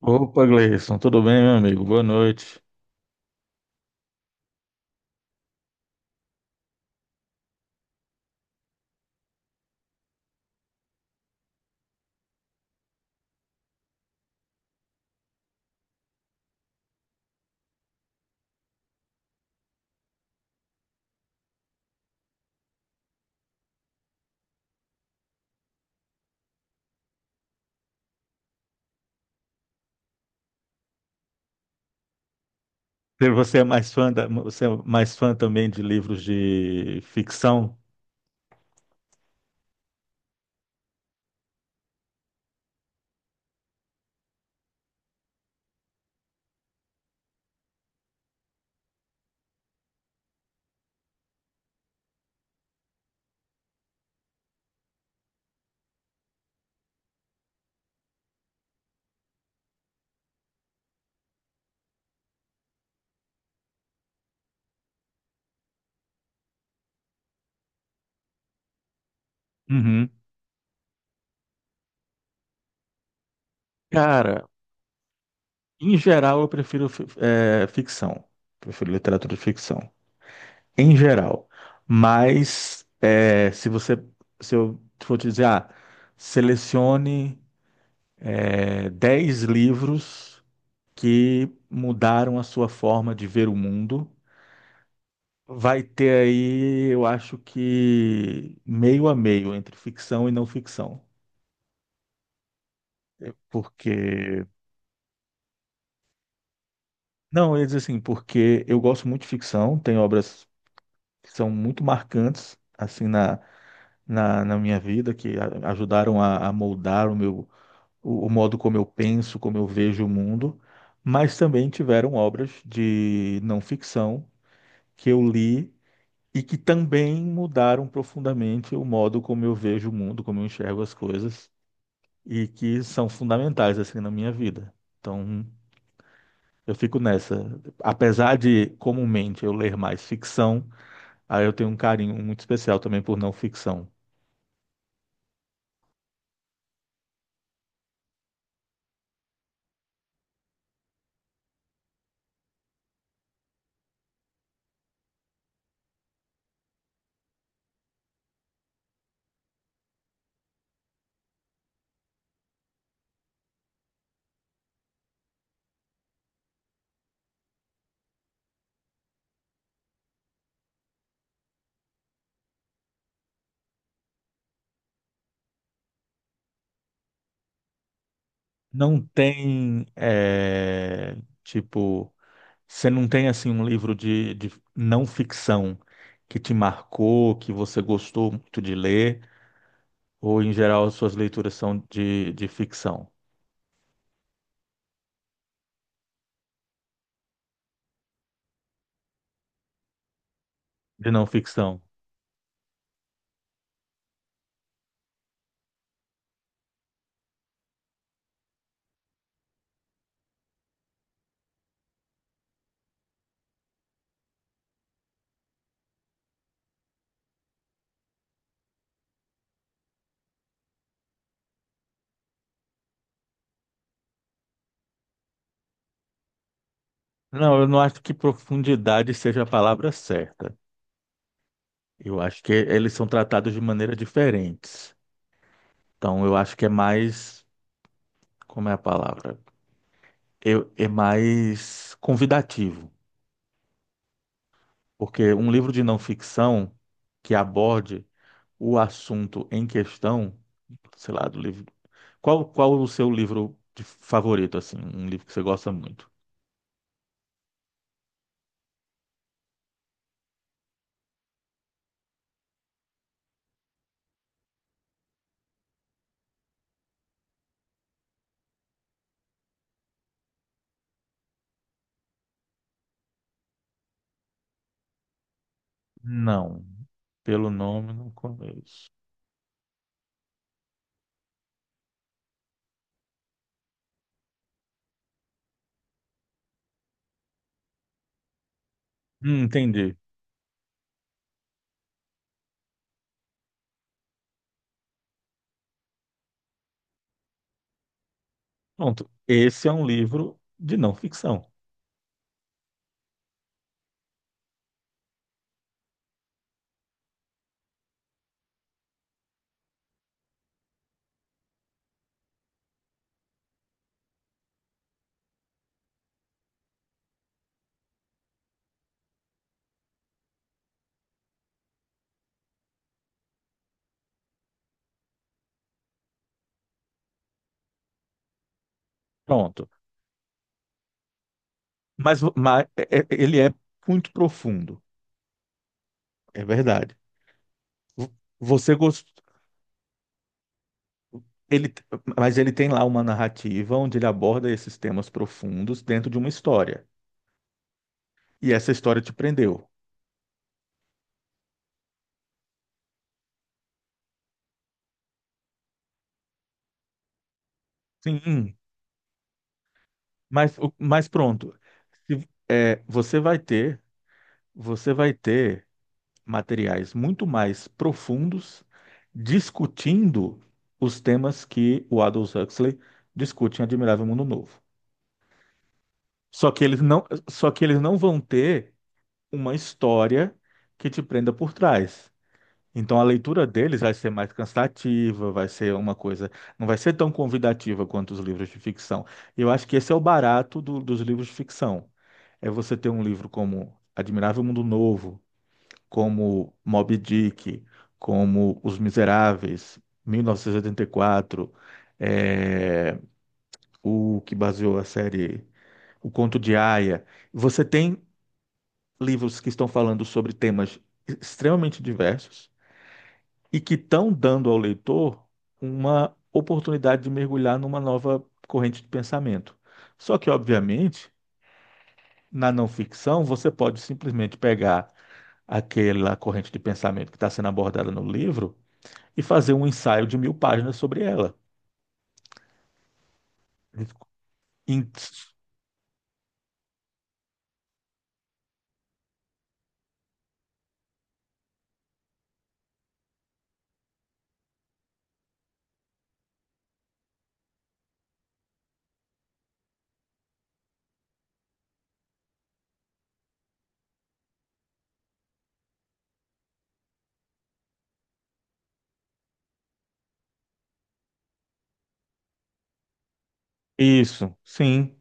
Opa, Gleison, tudo bem, meu amigo? Boa noite. Você é mais fã também de livros de ficção? Uhum. Cara, em geral eu prefiro ficção. Prefiro literatura de ficção. Em geral. Mas, se eu for te dizer, selecione, 10 livros que mudaram a sua forma de ver o mundo. Vai ter aí, eu acho que meio a meio entre ficção e não ficção. Porque. Não, eu ia dizer assim, porque eu gosto muito de ficção, tem obras que são muito marcantes, assim, na minha vida, que ajudaram a moldar o modo como eu penso, como eu vejo o mundo, mas também tiveram obras de não ficção que eu li e que também mudaram profundamente o modo como eu vejo o mundo, como eu enxergo as coisas. E que são fundamentais assim na minha vida. Então, eu fico nessa. Apesar de comumente eu ler mais ficção, aí eu tenho um carinho muito especial também por não ficção. Não tem, tipo, você não tem assim um livro de não ficção que te marcou, que você gostou muito de ler, ou em geral as suas leituras são de ficção, de não ficção. Não, eu não acho que profundidade seja a palavra certa. Eu acho que eles são tratados de maneira diferentes. Então, eu acho que é mais, como é a palavra? É mais convidativo, porque um livro de não ficção que aborde o assunto em questão, sei lá, do livro. Qual o seu livro de favorito, assim, um livro que você gosta muito? Não, pelo nome não conheço. Entendi. Pronto, esse é um livro de não ficção. Pronto. Mas, ele é muito profundo, é verdade. Vo- Você gostou, ele, mas ele tem lá uma narrativa onde ele aborda esses temas profundos dentro de uma história. E essa história te prendeu. Sim, mas pronto. Se- é, você vai ter, você vai ter materiais muito mais profundos discutindo os temas que o Aldous Huxley discute em Admirável Mundo Novo. Só que eles não, só que eles não vão ter uma história que te prenda por trás. Então a leitura deles vai ser mais cansativa, vai ser uma coisa, não vai ser tão convidativa quanto os livros de ficção. E eu acho que esse é o barato dos livros de ficção. É você ter um livro como Admirável Mundo Novo, como Moby Dick, como Os Miseráveis, 1984, é, o que baseou a série O Conto de Aia. Você tem livros que estão falando sobre temas extremamente diversos e que estão dando ao leitor uma oportunidade de mergulhar numa nova corrente de pensamento. Só que, obviamente, na não ficção, você pode simplesmente pegar aquela corrente de pensamento que está sendo abordada no livro e fazer um ensaio de mil páginas sobre ela. Em- Isso, sim.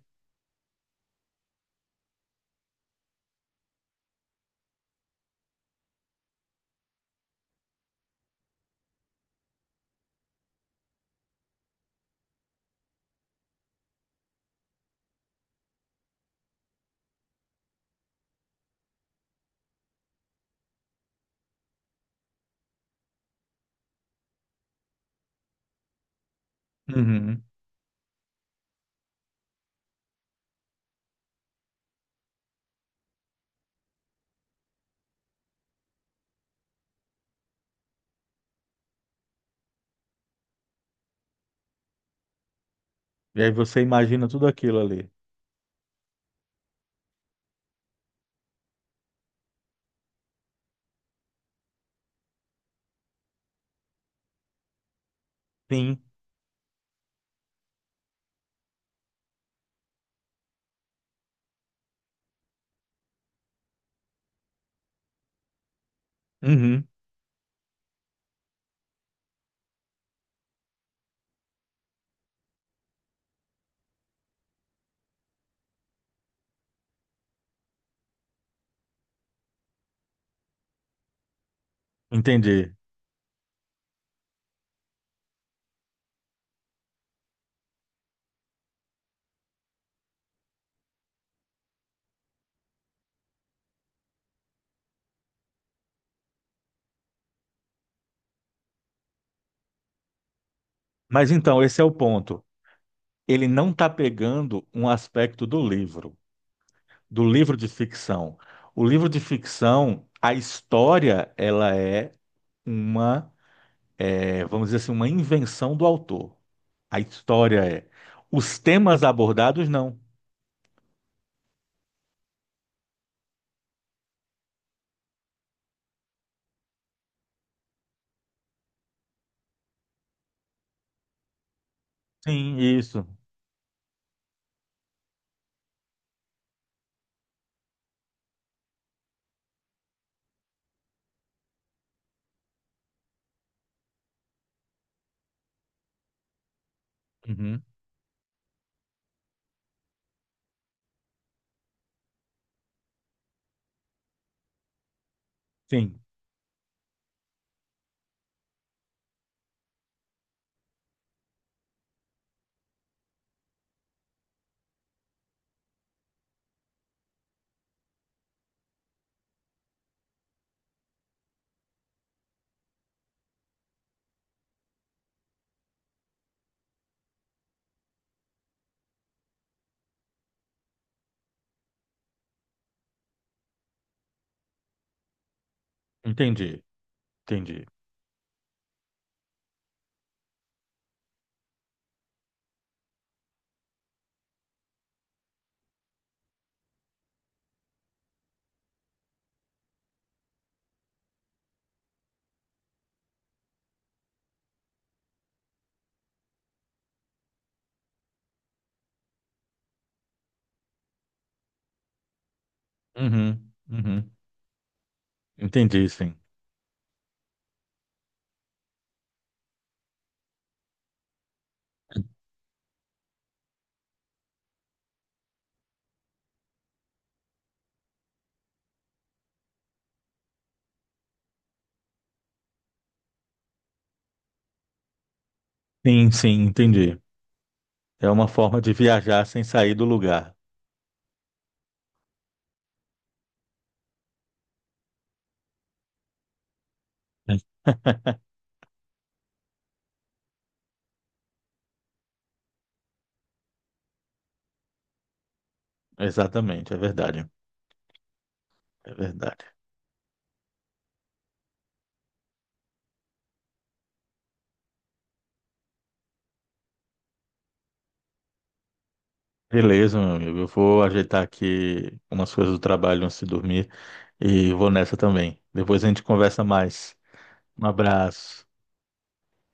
Uhum. E aí você imagina tudo aquilo ali. Sim. Uhum. Entendi. Mas então, esse é o ponto. Ele não está pegando um aspecto do livro, de ficção. O livro de ficção, a história, ela é, uma, vamos dizer assim, uma invenção do autor. A história é. Os temas abordados, não. Sim, isso. Uhum. Sim, entendi, entendi. Uhum, uhum. Entendi, sim. Sim, sim, entendi. É uma forma de viajar sem sair do lugar. Exatamente, é verdade. É verdade. Beleza, meu amigo. Eu vou ajeitar aqui umas coisas do trabalho antes de dormir e vou nessa também. Depois a gente conversa mais. Um abraço.